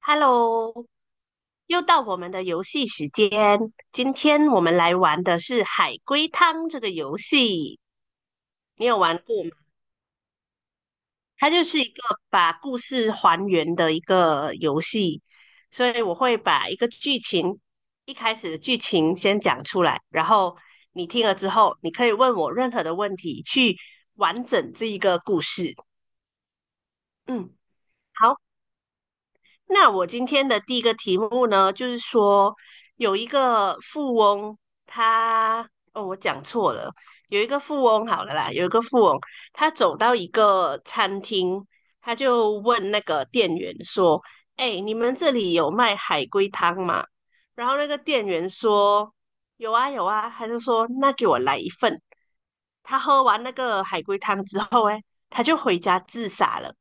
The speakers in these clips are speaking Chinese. Hello，又到我们的游戏时间。今天我们来玩的是海龟汤这个游戏，你有玩过吗？它就是一个把故事还原的一个游戏，所以我会把一个剧情，一开始的剧情先讲出来，然后你听了之后，你可以问我任何的问题，去完整这一个故事。嗯，好。那我今天的第一个题目呢，就是说有一个富翁，他哦，我讲错了，有一个富翁好了啦，有一个富翁，他走到一个餐厅，他就问那个店员说："哎，你们这里有卖海龟汤吗？"然后那个店员说："有啊，有啊。"他就说："那给我来一份。"他喝完那个海龟汤之后，哎，他就回家自杀了。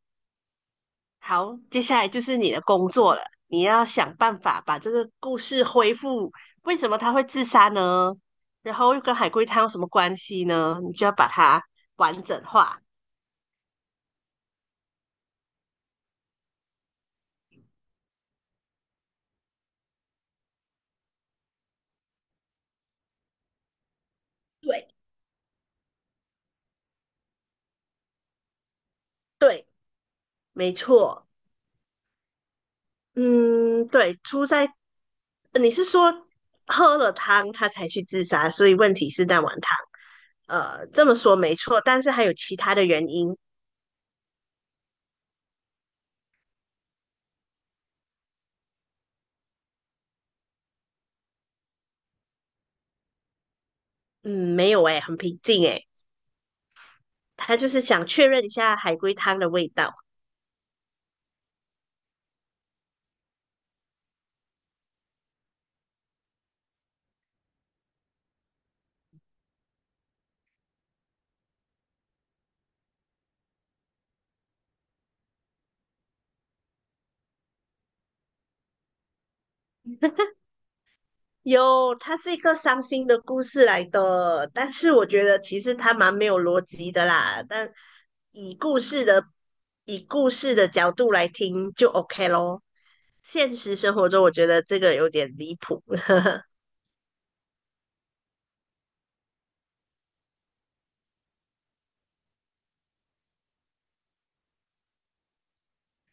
好，接下来就是你的工作了，你要想办法把这个故事恢复。为什么他会自杀呢？然后又跟海龟汤有什么关系呢？你就要把它完整化。对对，没错。嗯，对，出在你是说喝了汤他才去自杀，所以问题是那碗汤。这么说没错，但是还有其他的原因。嗯，没有诶，很平静诶，他就是想确认一下海龟汤的味道。有，它是一个伤心的故事来的，但是我觉得其实它蛮没有逻辑的啦。但以故事的以故事的角度来听就 OK 咯。现实生活中，我觉得这个有点离谱。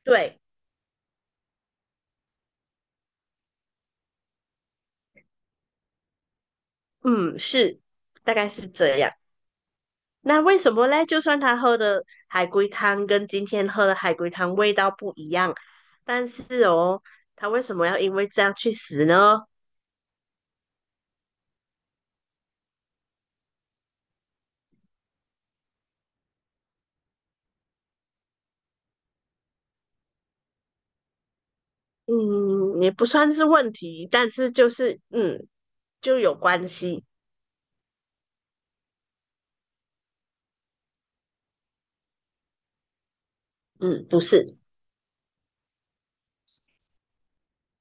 对，嗯，是，大概是这样。那为什么嘞？就算他喝的海龟汤跟今天喝的海龟汤味道不一样，但是哦，他为什么要因为这样去死呢？嗯，也不算是问题，但是就是嗯，就有关系。嗯，不是，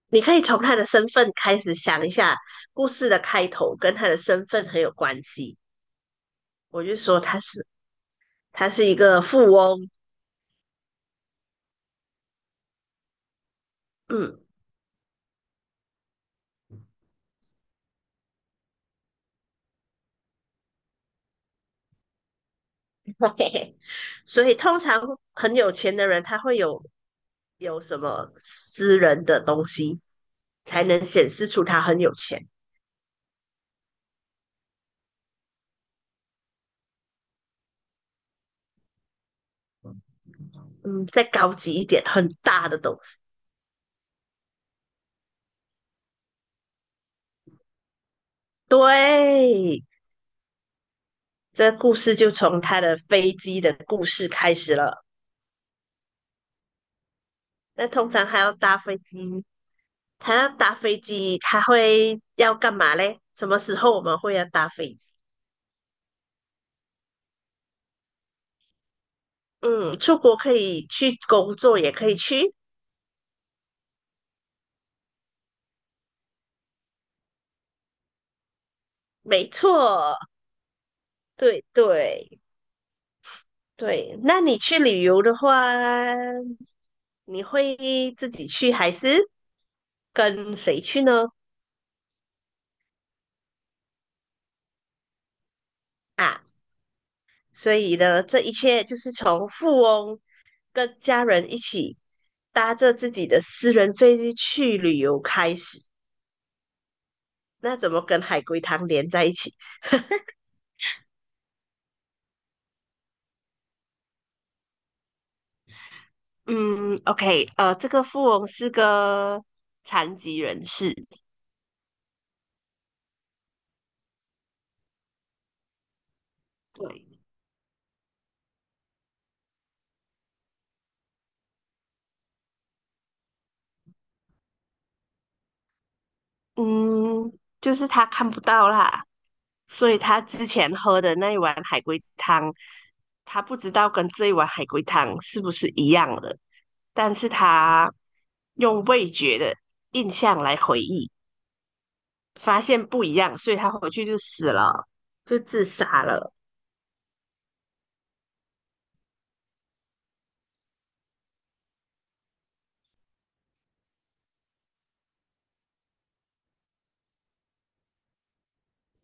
你可以从他的身份开始想一下，故事的开头跟他的身份很有关系。我就说他是他是一个富翁，嗯，所以通常很有钱的人，他会有有什么私人的东西，才能显示出他很有钱。嗯，再高级一点，很大的东西。对，这故事就从他的飞机的故事开始了。那通常他要搭飞机，他要搭飞机，他会要干嘛嘞？什么时候我们会要搭飞机？嗯，出国可以去工作，也可以去，没错，对对对。那你去旅游的话，你会自己去还是跟谁去呢？啊，所以呢，这一切就是从富翁跟家人一起搭着自己的私人飞机去旅游开始。那怎么跟海龟汤连在一起？嗯，OK,这个富翁是个残疾人士，对，嗯，就是他看不到啦，所以他之前喝的那一碗海龟汤，他不知道跟这一碗海龟汤是不是一样的，但是他用味觉的印象来回忆。发现不一样，所以他回去就死了，就自杀了。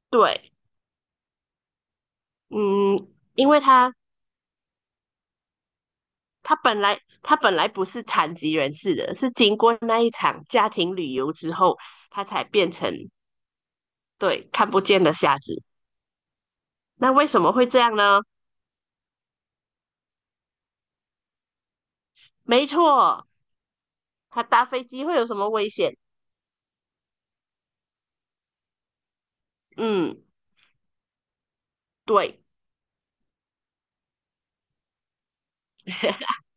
对，嗯，因为他他本来不是残疾人士的，是经过那一场家庭旅游之后，他才变成对看不见的瞎子。那为什么会这样呢？没错，他搭飞机会有什么危险？嗯，对，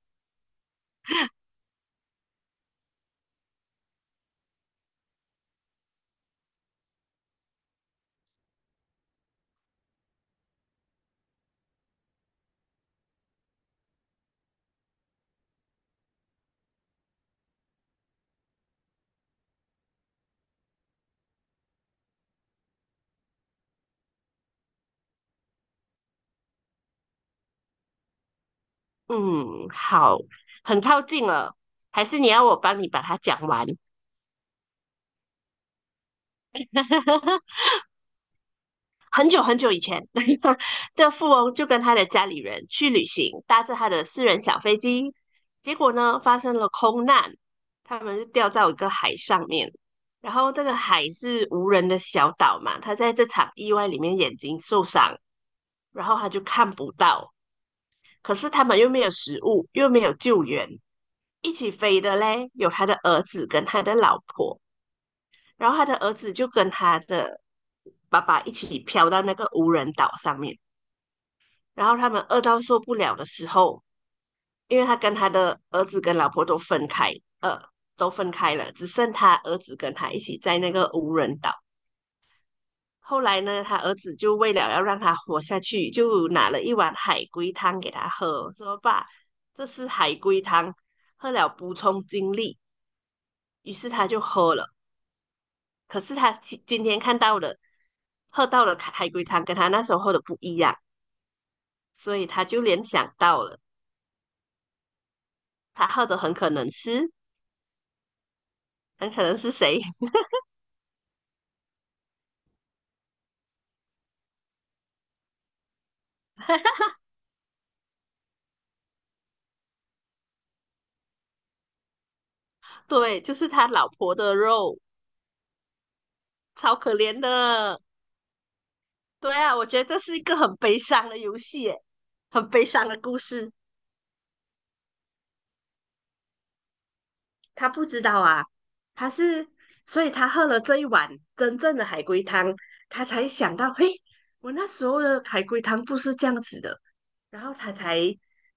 嗯，好，很靠近了，还是你要我帮你把它讲完？很久很久以前，这富翁就跟他的家里人去旅行，搭着他的私人小飞机，结果呢发生了空难，他们就掉到一个海上面。然后这个海是无人的小岛嘛，他在这场意外里面眼睛受伤，然后他就看不到。可是他们又没有食物，又没有救援，一起飞的嘞有他的儿子跟他的老婆，然后他的儿子就跟他的爸爸一起飘到那个无人岛上面。然后他们饿到受不了的时候，因为他跟他的儿子跟老婆都分开，呃，都分开了，只剩他儿子跟他一起在那个无人岛。后来呢，他儿子就为了要让他活下去，就拿了一碗海龟汤给他喝，说："爸，这是海龟汤，喝了补充精力。"于是他就喝了。可是他今天看到的，喝到的海龟汤跟他那时候喝的不一样，所以他就联想到了，他喝的很可能是谁？对，就是他老婆的肉，超可怜的。对啊，我觉得这是一个很悲伤的游戏耶，很悲伤的故事。他不知道啊，他是，所以他喝了这一碗真正的海龟汤，他才想到，嘿，我那时候的海龟汤不是这样子的。然后他才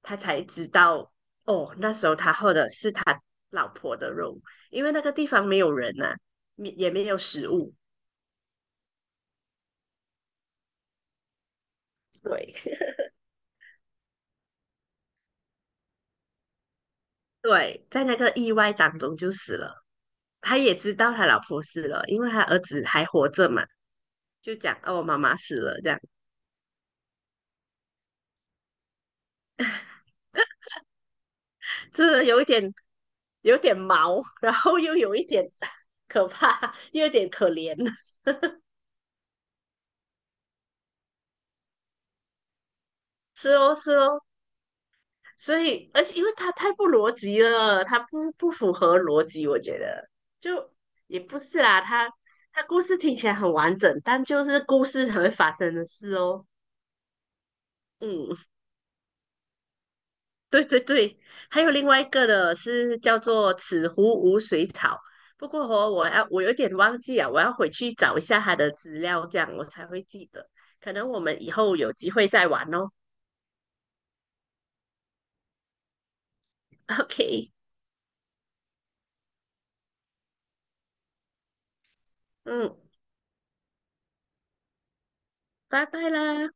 他才知道，哦，那时候他喝的是他老婆的肉，因为那个地方没有人呐、也没有食物。对，对，在那个意外当中就死了。他也知道他老婆死了，因为他儿子还活着嘛，就讲哦，妈妈死了这样，这有一点有点毛，然后又有一点 可怕，又有点可怜。是哦，是哦，所以而且因为他太不逻辑了，他不符合逻辑，我觉得就也不是啦，他故事听起来很完整，但就是故事才会发生的事哦。嗯。对对对，还有另外一个的是叫做此湖无水草，不过哦，我有点忘记啊，我要回去找一下它的资料，这样我才会记得。可能我们以后有机会再玩哦。OK,嗯，拜拜啦。